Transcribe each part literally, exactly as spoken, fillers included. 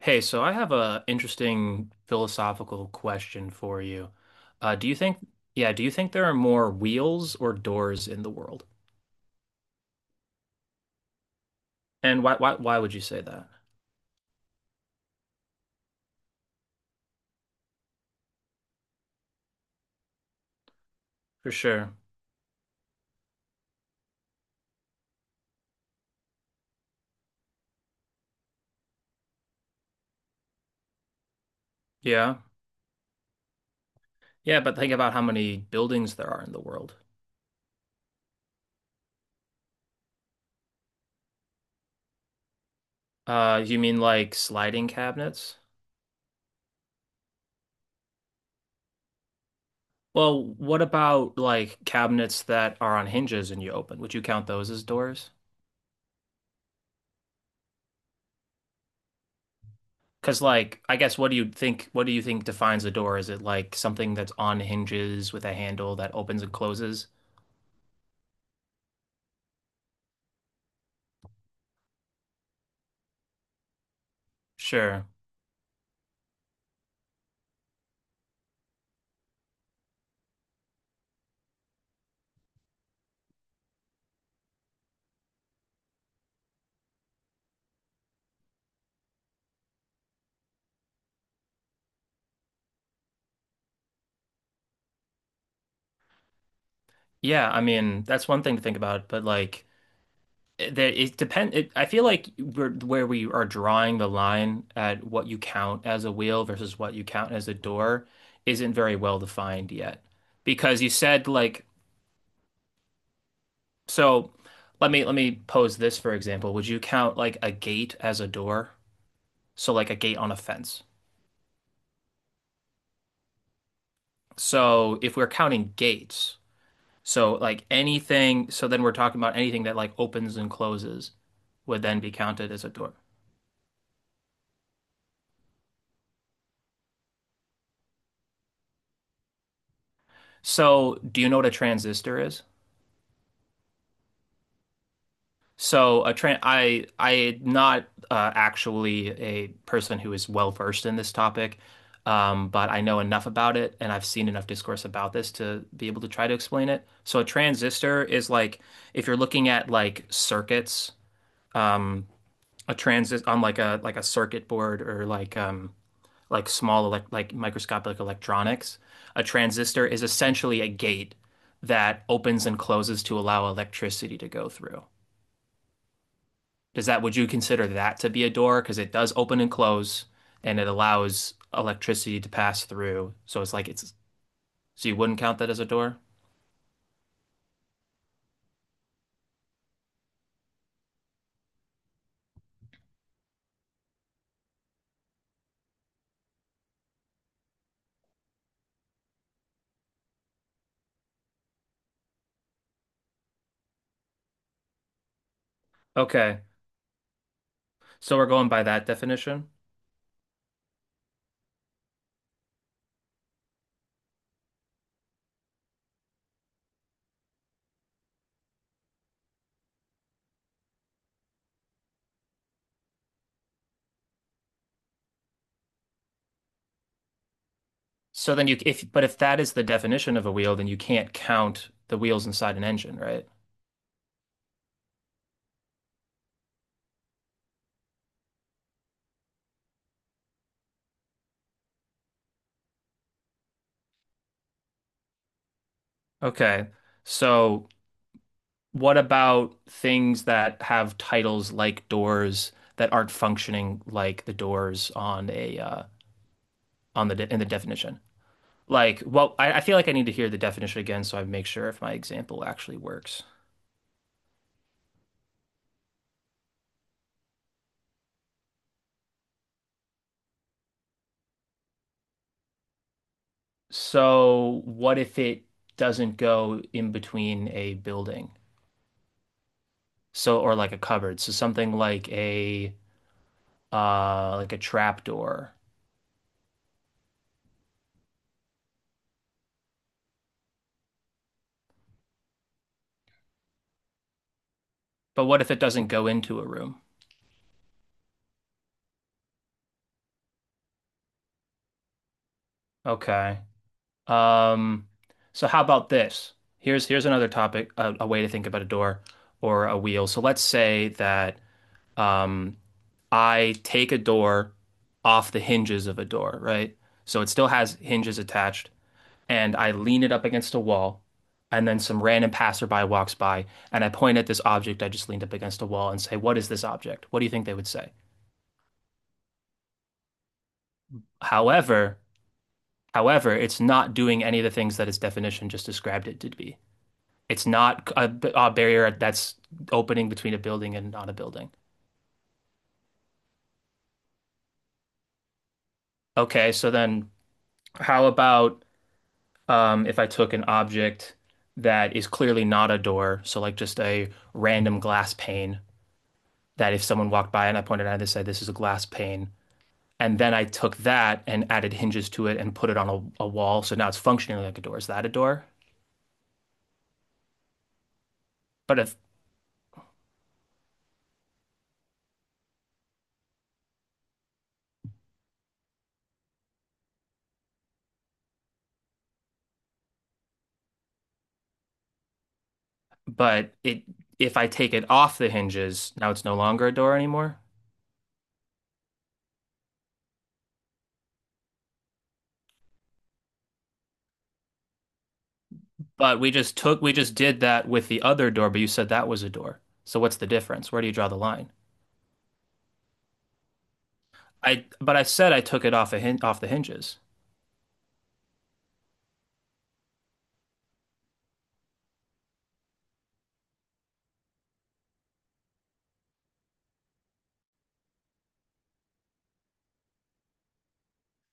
Hey, so I have a interesting philosophical question for you. Uh, do you think, yeah, do you think there are more wheels or doors in the world? And why, why, why would you say that? For sure. Yeah. Yeah, but think about how many buildings there are in the world. Uh, you mean like sliding cabinets? Well, what about like cabinets that are on hinges and you open? Would you count those as doors? Because like, I guess what do you think, what do you think defines a door? Is it like something that's on hinges with a handle that opens and closes? Sure. Yeah, I mean, that's one thing to think about, but like it- there it depend it, I feel like we're, where we are drawing the line at what you count as a wheel versus what you count as a door isn't very well defined yet. Because you said like. So let me let me pose this for example. Would you count like a gate as a door? So like a gate on a fence. So if we're counting gates, so like anything, so then we're talking about anything that like opens and closes would then be counted as a door. So, do you know what a transistor is? So, a tran I I'm not uh, actually a person who is well versed in this topic, um, but I know enough about it, and I've seen enough discourse about this to be able to try to explain it. So, a transistor is like if you're looking at like circuits, um, a transist on like a like a circuit board or like um, like small elect like microscopic electronics. A transistor is essentially a gate that opens and closes to allow electricity to go through. Does that, would you consider that to be a door? Because it does open and close and it allows electricity to pass through. So it's like it's, so you wouldn't count that as a door? Okay. So we're going by that definition. So then you, if, But if that is the definition of a wheel, then you can't count the wheels inside an engine, right? Okay. So what about things that have titles like doors that aren't functioning like the doors on a uh, on the de in the definition? Like, well, I, I feel like I need to hear the definition again so I make sure if my example actually works. So, what if it doesn't go in between a building? So, or like a cupboard. So something like a uh like a trap door. But what if it doesn't go into a room? Okay. Um, so how about this? Here's here's another topic, a, a way to think about a door or a wheel. So let's say that um, I take a door off the hinges of a door, right? So it still has hinges attached, and I lean it up against a wall, and then some random passerby walks by, and I point at this object I just leaned up against a wall and say, "What is this object?" What do you think they would say? However, however, it's not doing any of the things that its definition just described it to be. It's not a a barrier that's opening between a building and not a building. Okay, so then how about um, if I took an object that is clearly not a door, so like just a random glass pane that if someone walked by and I pointed at it said, this is a glass pane, and then I took that and added hinges to it and put it on a, a wall, so now it's functioning like a door. Is that a door? But if but it if I take it off the hinges, now it's no longer a door anymore. But we just took, we just did that with the other door, but you said that was a door. So what's the difference? Where do you draw the line? I, but I said I took it off a hin off the hinges.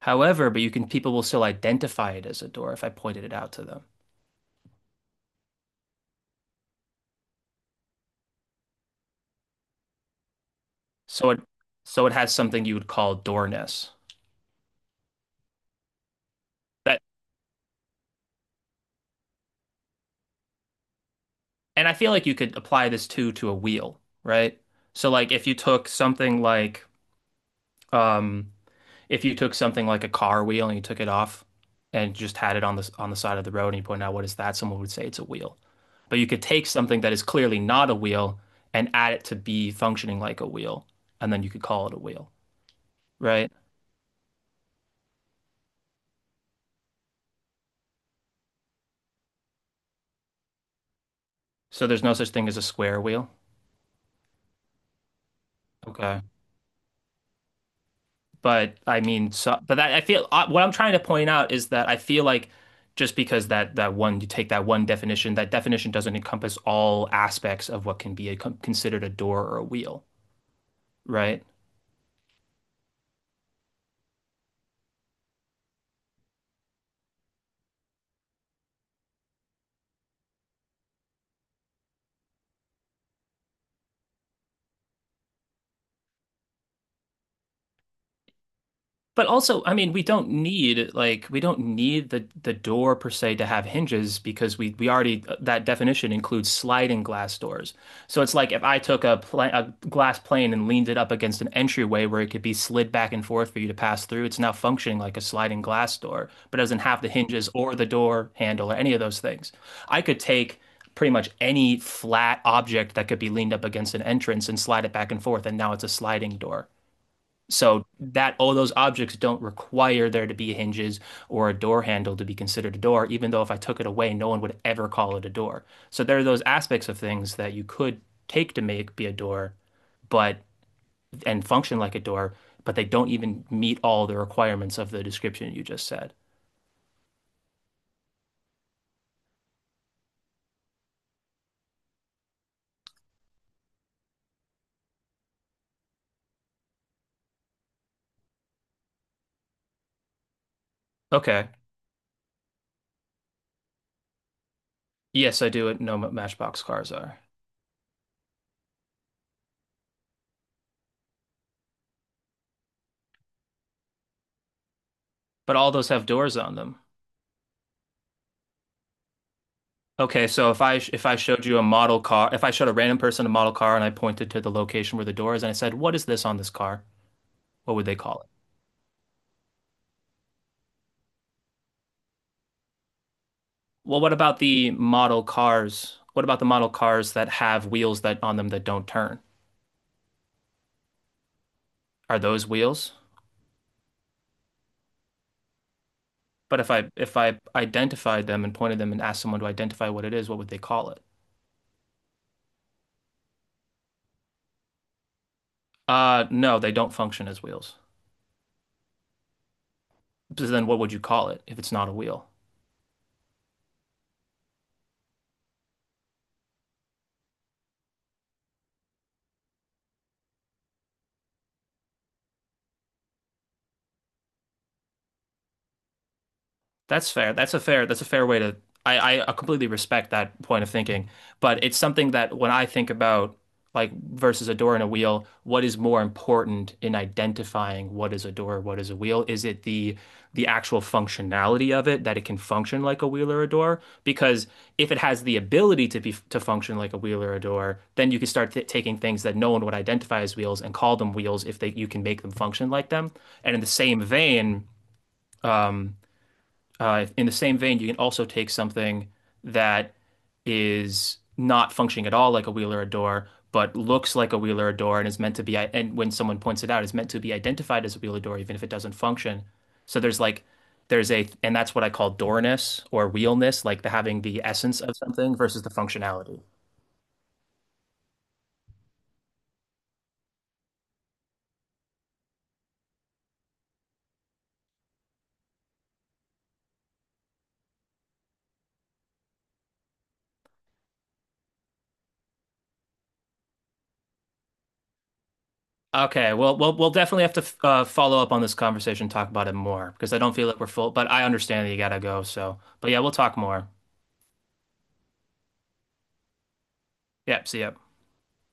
However, but you can, people will still identify it as a door if I pointed it out to them. So it, so it has something you would call doorness. That, and I feel like you could apply this too to a wheel, right? So like if you took something like, um, if you took something like a car wheel and you took it off and just had it on the on the side of the road and you point out what is that, someone would say it's a wheel. But you could take something that is clearly not a wheel and add it to be functioning like a wheel, and then you could call it a wheel, right? So there's no such thing as a square wheel. Okay. But I mean, so, but that I feel uh, what I'm trying to point out is that I feel like just because that that one you take that one definition, that definition doesn't encompass all aspects of what can be a, considered a door or a wheel, right? But also, I mean, we don't need like we don't need the the door per se to have hinges because we we already uh, that definition includes sliding glass doors. So it's like if I took a pla a glass plane and leaned it up against an entryway where it could be slid back and forth for you to pass through, it's now functioning like a sliding glass door, but it doesn't have the hinges or the door handle or any of those things. I could take pretty much any flat object that could be leaned up against an entrance and slide it back and forth, and now it's a sliding door. So that all those objects don't require there to be hinges or a door handle to be considered a door, even though if I took it away, no one would ever call it a door. So there are those aspects of things that you could take to make be a door, but and function like a door, but they don't even meet all the requirements of the description you just said. Okay. Yes, I do know what Matchbox cars are, but all those have doors on them. Okay, so if I if I showed you a model car, if I showed a random person a model car and I pointed to the location where the door is and I said, "What is this on this car?" What would they call it? Well, what about the model cars? What about the model cars that have wheels that on them that don't turn? Are those wheels? But if I if I identified them and pointed them and asked someone to identify what it is, what would they call it? Uh, no, they don't function as wheels. So then what would you call it if it's not a wheel? That's fair. That's a fair, that's a fair way to. I, I completely respect that point of thinking. But it's something that when I think about like versus a door and a wheel, what is more important in identifying what is a door, what is a wheel? Is it the the actual functionality of it that it can function like a wheel or a door? Because if it has the ability to be to function like a wheel or a door, then you can start th taking things that no one would identify as wheels and call them wheels if they you can make them function like them. And in the same vein, um, uh, in the same vein, you can also take something that is not functioning at all like a wheel or a door, but looks like a wheel or a door and is meant to be, and when someone points it out, is meant to be identified as a wheel or door, even if it doesn't function. So there's like, there's a, and that's what I call doorness or wheelness, like the having the essence of something versus the functionality. Okay, well, we'll we'll definitely have to uh, follow up on this conversation, talk about it more because I don't feel like we're full, but I understand that you gotta go. So, but yeah, we'll talk more. Yep, see ya.